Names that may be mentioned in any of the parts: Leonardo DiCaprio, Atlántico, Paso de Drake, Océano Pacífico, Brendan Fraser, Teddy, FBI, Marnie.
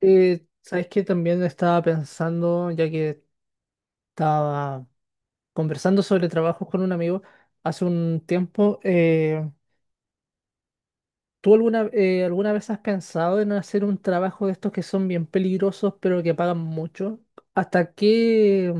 ¿Sabes qué? También estaba pensando, ya que estaba conversando sobre trabajos con un amigo hace un tiempo. ¿Tú alguna vez has pensado en hacer un trabajo de estos que son bien peligrosos pero que pagan mucho? ¿Hasta qué,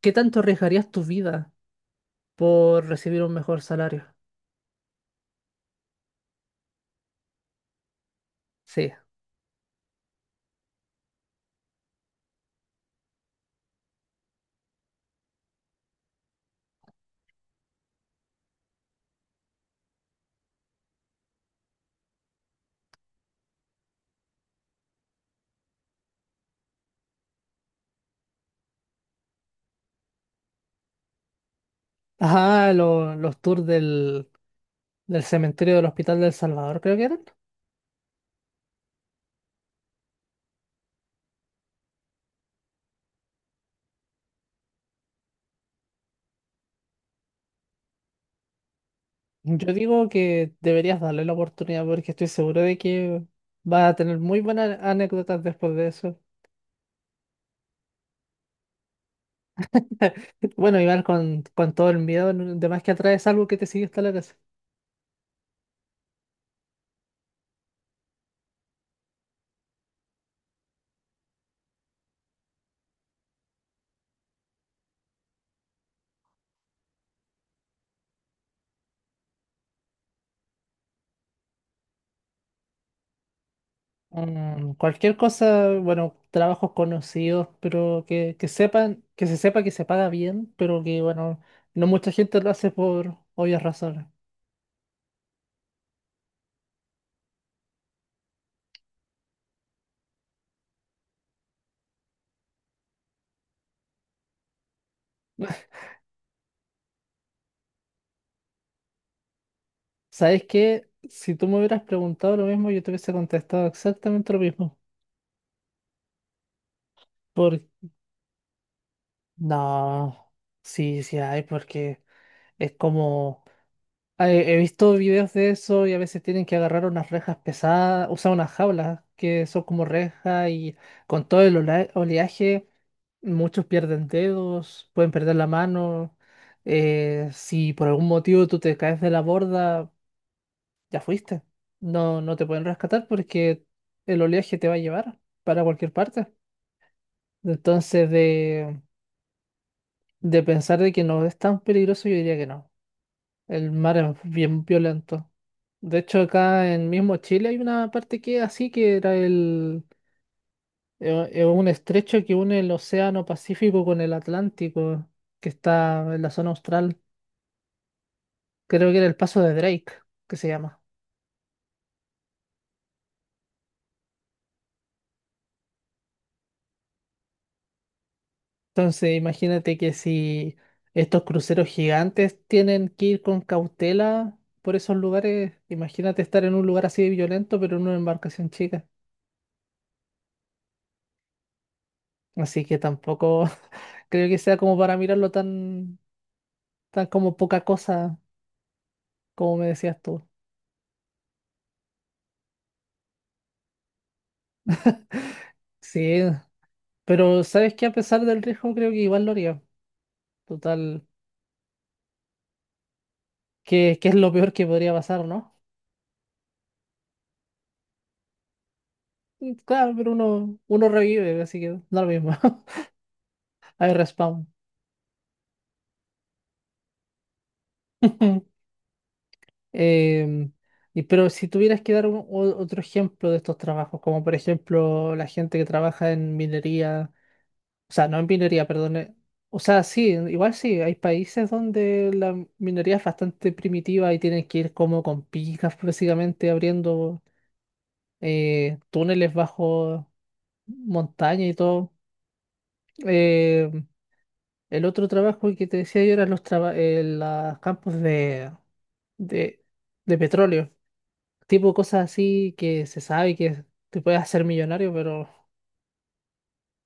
¿Qué tanto arriesgarías tu vida por recibir un mejor salario? Sí. Ajá, los tours del cementerio del Hospital del Salvador, creo que eran. Yo digo que deberías darle la oportunidad porque estoy seguro de que va a tener muy buenas anécdotas después de eso. Bueno, Iván, con todo el miedo, de más que atraes algo que te sigue hasta la casa. Mm, cualquier cosa, bueno, trabajos conocidos, pero que sepan, que se sepa que se paga bien, pero que, bueno, no mucha gente lo hace por obvias razones. ¿Sabes qué? Si tú me hubieras preguntado lo mismo, yo te hubiese contestado exactamente lo mismo. No, sí, sí hay, porque es como... He visto videos de eso y a veces tienen que agarrar unas rejas pesadas, usar unas jaulas que son como rejas y con todo el oleaje muchos pierden dedos, pueden perder la mano. Si por algún motivo tú te caes de la borda, ya fuiste. No, no te pueden rescatar porque el oleaje te va a llevar para cualquier parte. Entonces, de, de pensar de que no es tan peligroso, yo diría que no. El mar es bien violento. De hecho, acá en mismo Chile hay una parte que es así, que era un estrecho que une el Océano Pacífico con el Atlántico, que está en la zona austral. Creo que era el Paso de Drake, que se llama. Entonces, imagínate que si estos cruceros gigantes tienen que ir con cautela por esos lugares, imagínate estar en un lugar así de violento, pero en una embarcación chica. Así que tampoco creo que sea como para mirarlo tan. Está como poca cosa, como me decías tú. Sí, pero sabes que a pesar del riesgo creo que igual lo haría. Total, que es lo peor que podría pasar, ¿no? Mm, claro, pero uno revive, así que da lo mismo. Hay respawn. Em, y, pero si tuvieras que dar otro ejemplo de estos trabajos, como por ejemplo la gente que trabaja en minería. O sea, no en minoría, perdón. O sea, sí, igual sí, hay países donde la minoría es bastante primitiva y tienen que ir como con picas, básicamente abriendo túneles bajo montaña y todo. Eh, el otro trabajo que te decía yo eran los, los campos de, de petróleo, tipo cosas así que se sabe que te puedes hacer millonario, pero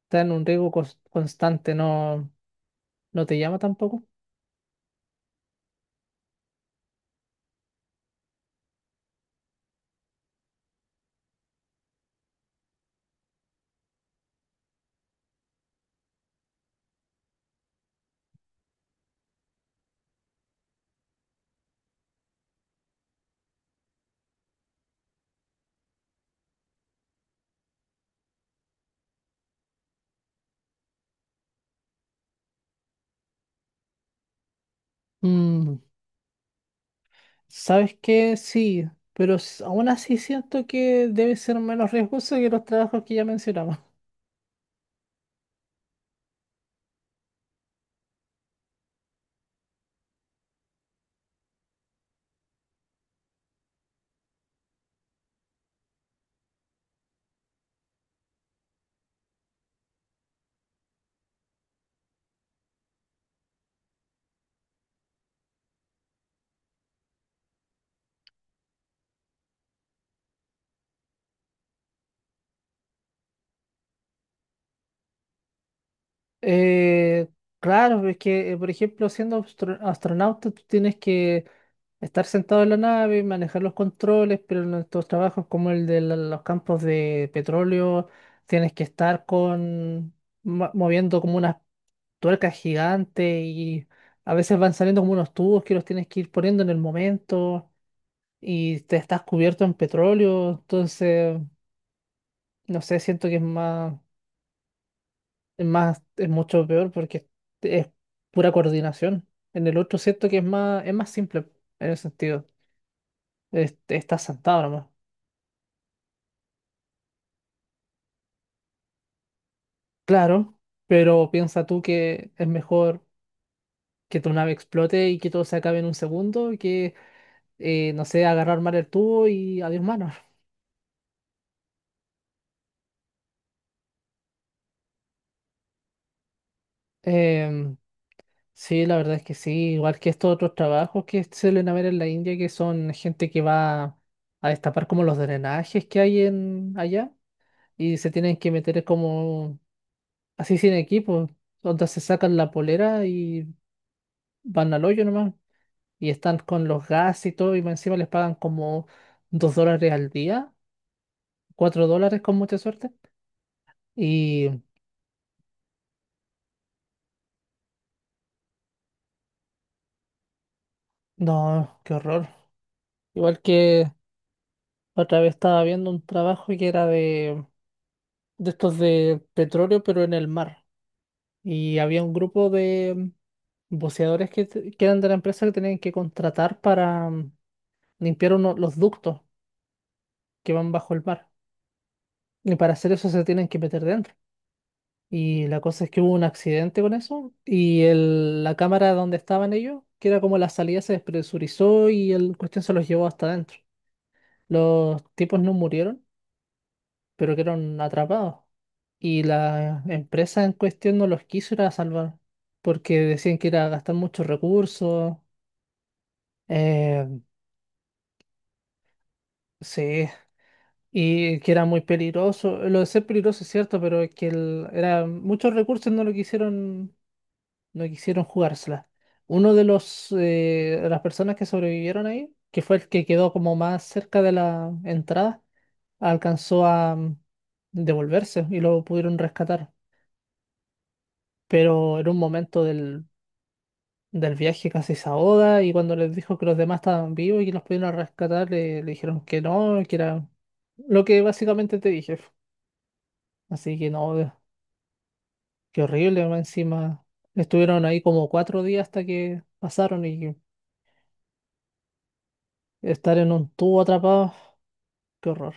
está en un riesgo constante. No, no te llama tampoco. Mm. ¿Sabes qué? Sí, pero aún así siento que debe ser menos riesgoso que los trabajos que ya mencionamos. Eh, claro, es que, por ejemplo, siendo astronauta, tú tienes que estar sentado en la nave, manejar los controles, pero en estos trabajos como el de los campos de petróleo, tienes que estar con moviendo como unas tuercas gigantes y a veces van saliendo como unos tubos que los tienes que ir poniendo en el momento, y te estás cubierto en petróleo. Entonces, no sé, siento que es más, es mucho peor porque es pura coordinación. En el otro siento que es más simple en ese sentido. Estás sentado nomás. Claro, pero piensa tú que es mejor que tu nave explote y que todo se acabe en un segundo que, no sé, agarrar mal el tubo y adiós manos. Sí, la verdad es que sí, igual que estos otros trabajos que suelen haber en la India, que son gente que va a destapar como los drenajes que hay en allá y se tienen que meter como así sin equipo, donde se sacan la polera y van al hoyo nomás y están con los gas y todo y más encima les pagan como $2 al día, $4 con mucha suerte. Y no, qué horror. Igual que otra vez estaba viendo un trabajo que era de estos de petróleo, pero en el mar. Y había un grupo de buceadores que, que eran de la empresa que tenían que contratar para limpiar los ductos que van bajo el mar. Y para hacer eso se tienen que meter dentro. Y la cosa es que hubo un accidente con eso y la cámara donde estaban ellos, que era como la salida, se despresurizó y el cuestión se los llevó hasta adentro. Los tipos no murieron pero quedaron atrapados. Y la empresa en cuestión no los quiso ir a salvar, porque decían que era gastar muchos recursos. eh, sí, y que era muy peligroso. Lo de ser peligroso es cierto, pero es que era muchos recursos. No lo quisieron, no quisieron jugársela. Uno de los de las personas que sobrevivieron ahí, que fue el que quedó como más cerca de la entrada, alcanzó a devolverse y lo pudieron rescatar. Pero era un momento del viaje casi se ahoga, y cuando les dijo que los demás estaban vivos y que los pudieron rescatar, le dijeron que no, que era lo que básicamente te dije. Así que no, qué horrible. Más encima estuvieron ahí como 4 días hasta que pasaron, y estar en un tubo atrapado, qué horror.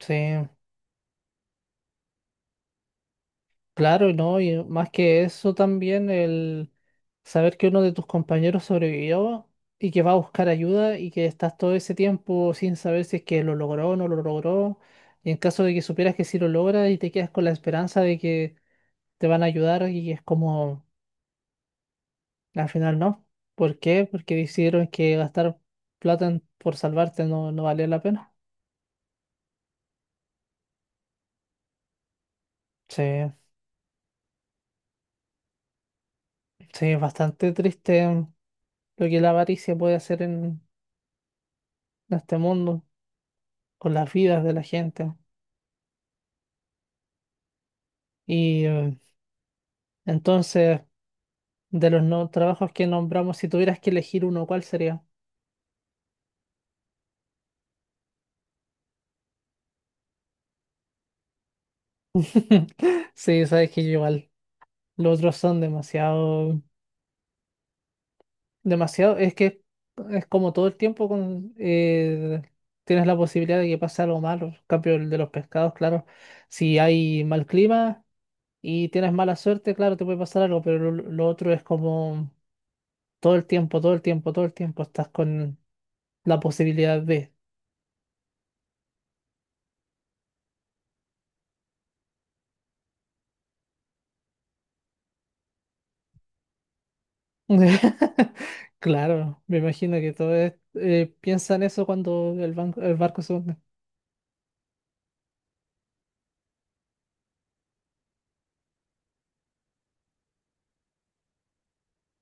Sí, claro, y no, y más que eso también el saber que uno de tus compañeros sobrevivió y que va a buscar ayuda y que estás todo ese tiempo sin saber si es que lo logró o no lo logró. Y en caso de que supieras que sí lo logra y te quedas con la esperanza de que te van a ayudar y es como, al final no. ¿Por qué? Porque decidieron que gastar plata por salvarte no, no valía la pena. Sí, sí, es bastante triste lo que la avaricia puede hacer en este mundo, por las vidas de la gente. Y entonces, de los no trabajos que nombramos, si tuvieras que elegir uno, ¿cuál sería? Sí, sabes que yo igual. Los otros son demasiado, demasiado, es que es como todo el tiempo con, tienes la posibilidad de que pase algo malo. En cambio, el de los pescados, claro, si hay mal clima y tienes mala suerte, claro, te puede pasar algo, pero lo otro es como todo el tiempo, todo el tiempo, todo el tiempo estás con la posibilidad de. Claro, me imagino que todos piensan eso cuando el banco, el barco se hunde.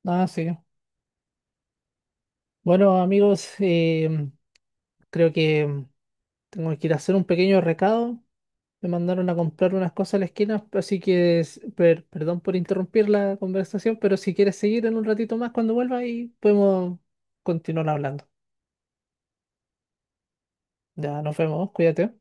Ah, sí. Bueno, amigos, creo que tengo que ir a hacer un pequeño recado. Me mandaron a comprar unas cosas a la esquina, así que perdón por interrumpir la conversación, pero si quieres seguir en un ratito más cuando vuelva y podemos continuar hablando. Ya nos vemos, cuídate.